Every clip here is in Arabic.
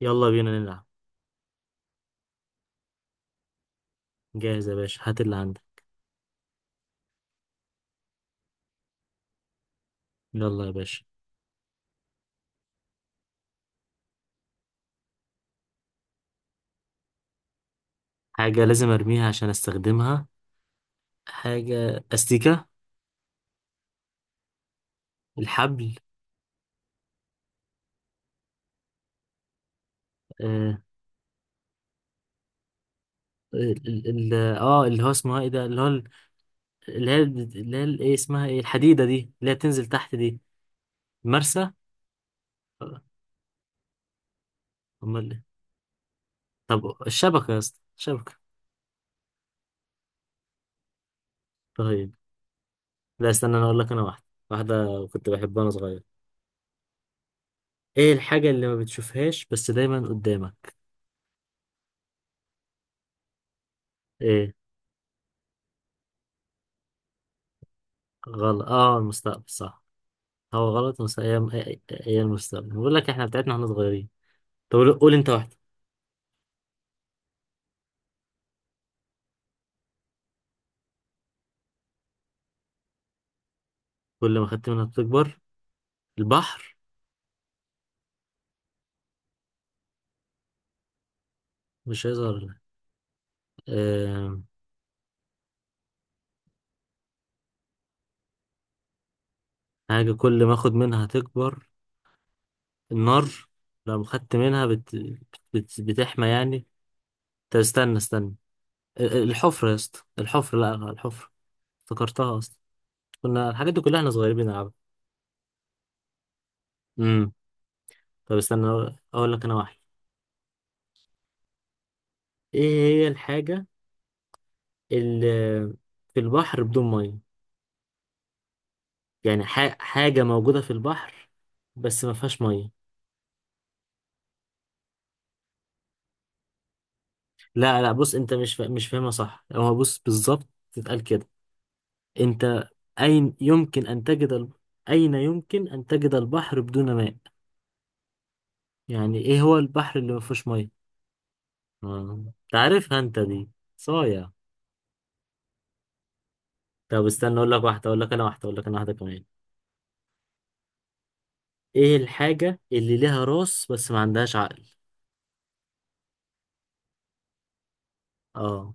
يلا بينا نلعب. جاهز يا باشا، هات اللي عندك. يلا يا باشا. حاجة لازم ارميها عشان استخدمها. حاجة، استيكة. الحبل. اه. ال- ال- ال- اللي هو اسمها ايه ده، ايه اسمها، ايه الحديدة دي اللي هي بتنزل تحت دي؟ مرسى. آه. امال إيه؟ طب الشبكة يا اسطى، الشبكة. طيب. لا استنى، انا اقول لك، انا واحدة. واحدة كنت بحبها وانا صغير. ايه الحاجة اللي ما بتشوفهاش بس دايما قدامك؟ ايه؟ غلط، اه، المستقبل صح. هو غلط بس هي، هي المستقبل، بقول لك احنا بتاعتنا احنا صغيرين. طب قول، قول انت واحدة. كل ما خدت منها بتكبر. البحر. مش هيظهر لك. أه... حاجة كل ما اخد منها هتكبر. النار. لو خدت منها بتحمى يعني. طب استنى استنى، الحفرة يا اسطى، الحفرة، لا الحفرة. افتكرتها اصلا. كنا الحاجات دي كلها احنا صغيرين بنلعبها. امم طب استنى، اقول لك انا واحد. ايه هي الحاجة اللي في البحر بدون مية؟ يعني حاجة موجودة في البحر بس ما فيهاش مية. لا لا، بص انت مش فاهمها صح، هو بص بالظبط تتقال كده. انت، اين يمكن ان تجد ال... اين يمكن ان تجد البحر بدون ماء؟ يعني ايه هو البحر اللي ما فيهوش مية؟ آه. تعرفها انت دي، صايع. طب استنى، اقول لك واحدة اقول لك انا واحدة اقول لك انا واحدة كمان. ايه الحاجة اللي لها راس بس ما عندهاش عقل؟ اه.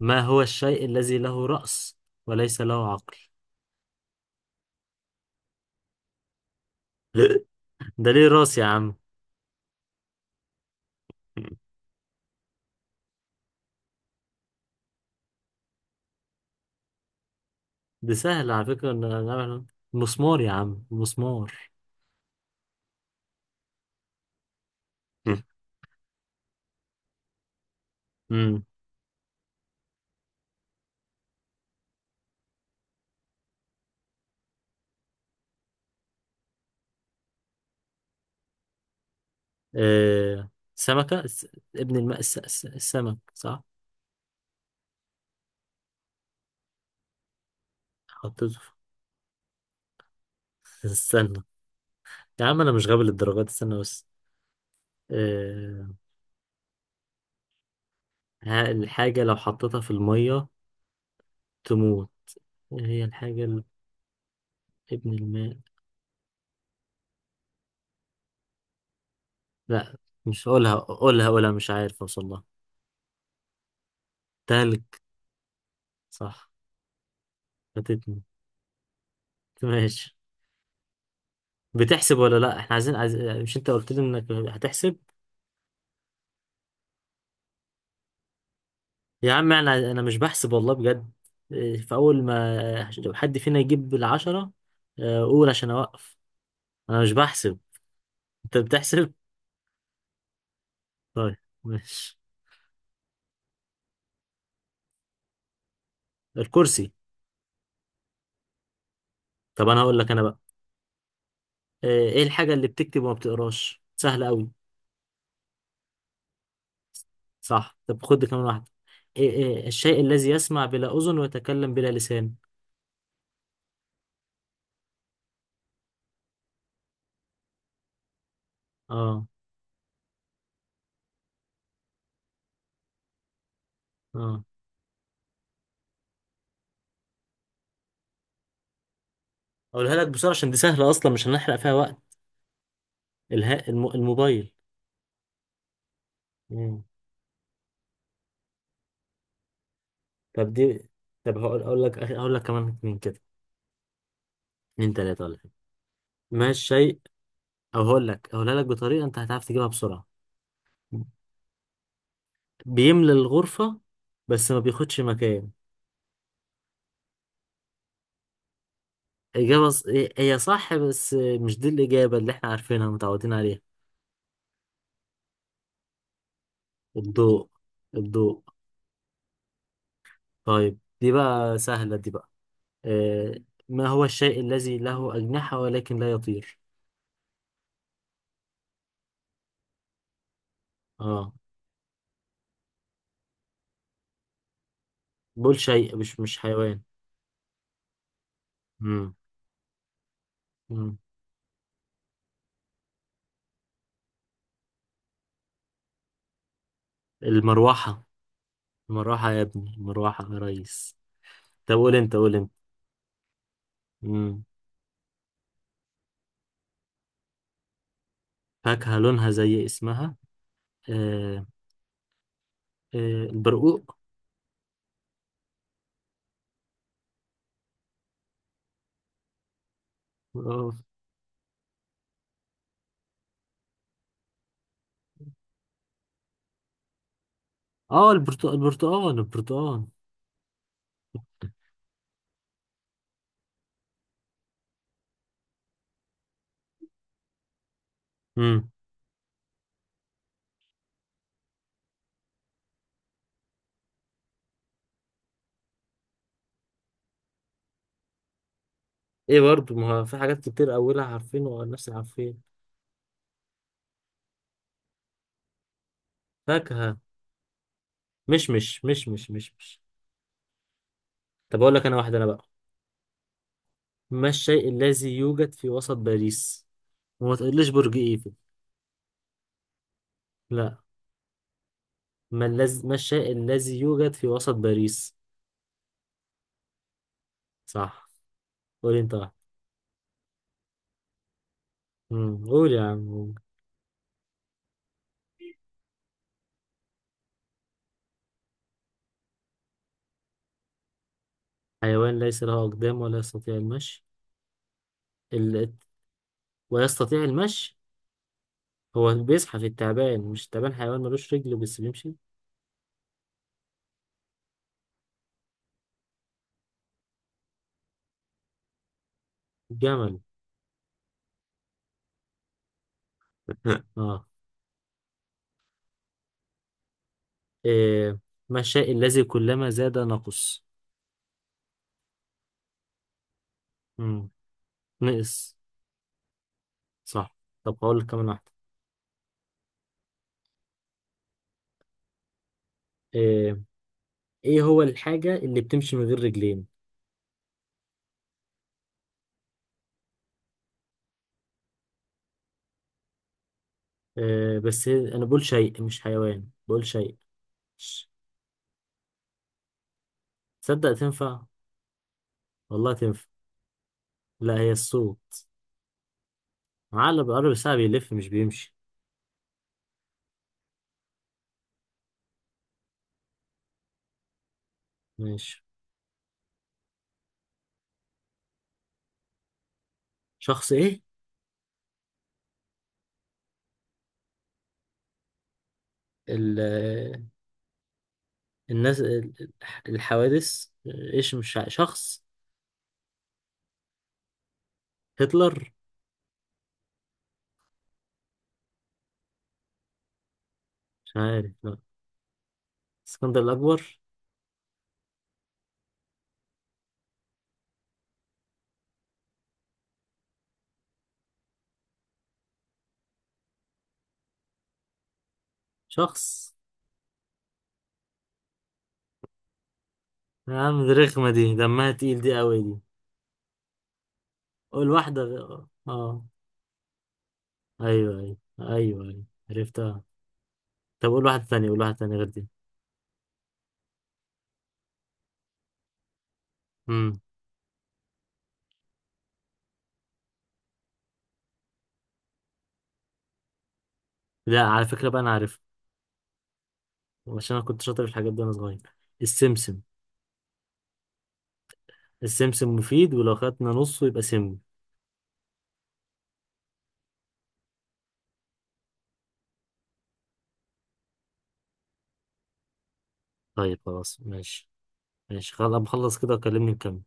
ما هو الشيء الذي له رأس وليس له عقل؟ ده ليه راس يا عم. دي سهلة على فكرة، إن أنا نعمل مسمار يا عم، مسمار. مم. امم آه سمكة س- ابن الماء، السمك صح. حطيته استنى. يا عم أنا مش غبي للدرجة دي، استنى بس. آه. الحاجة لو حطيتها في المية تموت. إيه هي الحاجة ابن الماء؟ لا. مش قولها قولها قولها، مش عارف أوصل لها. تلج. صح. فاتتني. ماشي. بتحسب ولا لا؟ احنا عايزين مش انت قلت لي انك هتحسب؟ يا عم انا مش بحسب والله، بجد. إيه، فاول ما لو حد فينا يجيب ال10، آه، قول عشان اوقف. انا مش بحسب، انت بتحسب. طيب. ماشي. الكرسي. طب انا هقول لك انا بقى. آه، ايه الحاجة اللي بتكتب وما بتقراش؟ سهلة قوي. صح، طب خد كمان واحدة. إيه الشيء الذي يسمع بلا اذن ويتكلم بلا لسان. اه. اه. اقولها لك بسرعة عشان دي سهلة اصلا، مش هنحرق فيها وقت. الموبايل. مم. طب دي. طب هقول اقول لك اقول لك كمان اتنين كده، اتنين تلاتة ولا حاجة. ما الشيء أو هقولها لك بطريقة أنت هتعرف تجيبها بسرعة. بيملى الغرفة بس ما بياخدش مكان. إجابة ص... هي صح بس مش دي الإجابة اللي إحنا عارفينها متعودين عليها. الضوء. الضوء. طيب دي بقى سهلة دي بقى. آه... ما هو الشيء الذي له أجنحة ولكن لا يطير؟ آه. بقول شيء مش حيوان. مم. مم. المروحة. المروحة يا ابني، المروحة يا ريس. طب قول أنت، قول. أنت. فاكهة لونها زي اسمها. آه. آه. البرقوق. اه. البرتقال، البرتقال. امم ايه، برضو ما هو في حاجات كتير اولها عارفين والناس عارفين. فاكهة. مش، مش، مش، مش، مش، مش. طب اقول لك انا واحدة انا بقى. ما الشيء الذي يوجد في وسط باريس؟ وما تقوليش برج ايفل. لا. ما الشيء الذي يوجد في وسط باريس. صح. قولي انت واحد. قول يا عم. حيوان ليس له اقدام ولا يستطيع المشي. ال... ويستطيع المشي. هو بيزحف التعبان، مش التعبان حيوان ملوش رجل بس بيمشي. جمل. اه. إيه، ما الشيء الذي كلما زاد نقص؟ مم. نقص. صح. طب هقول لك كمان واحدة. إيه، ايه هو الحاجة اللي بتمشي من غير رجلين؟ إيه بس انا بقول شيء مش حيوان، بقول شيء. ش- تصدق تنفع؟ والله تنفع. لا هي الصوت. عقل بقرب الساعة بيلف مش بيمشي. ماشي. شخص ايه؟ الناس ال- الحوادث. ايش مش شخص. هتلر. مش عارف لا. اسكندر الأكبر. شخص. يا عم دي رخمة، دي دمها تقيل دي، قوي دي. قول واحدة. ايوه، ايوه، ايوه، ايوه. عرفتها. طب قول واحدة تانية، قول واحدة تانية غير دي. امم لا على فكرة بقى، انا عارفها. عشان انا كنت شاطر في الحاجات دي وانا صغير. السمسم. السمسم مفيد، ولو خدنا نصه يبقى سم. طيب خلاص، ماشي. ماشي خلاص، أبقى اخلص كده وكلمني نكمل.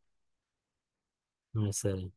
مع السلامة.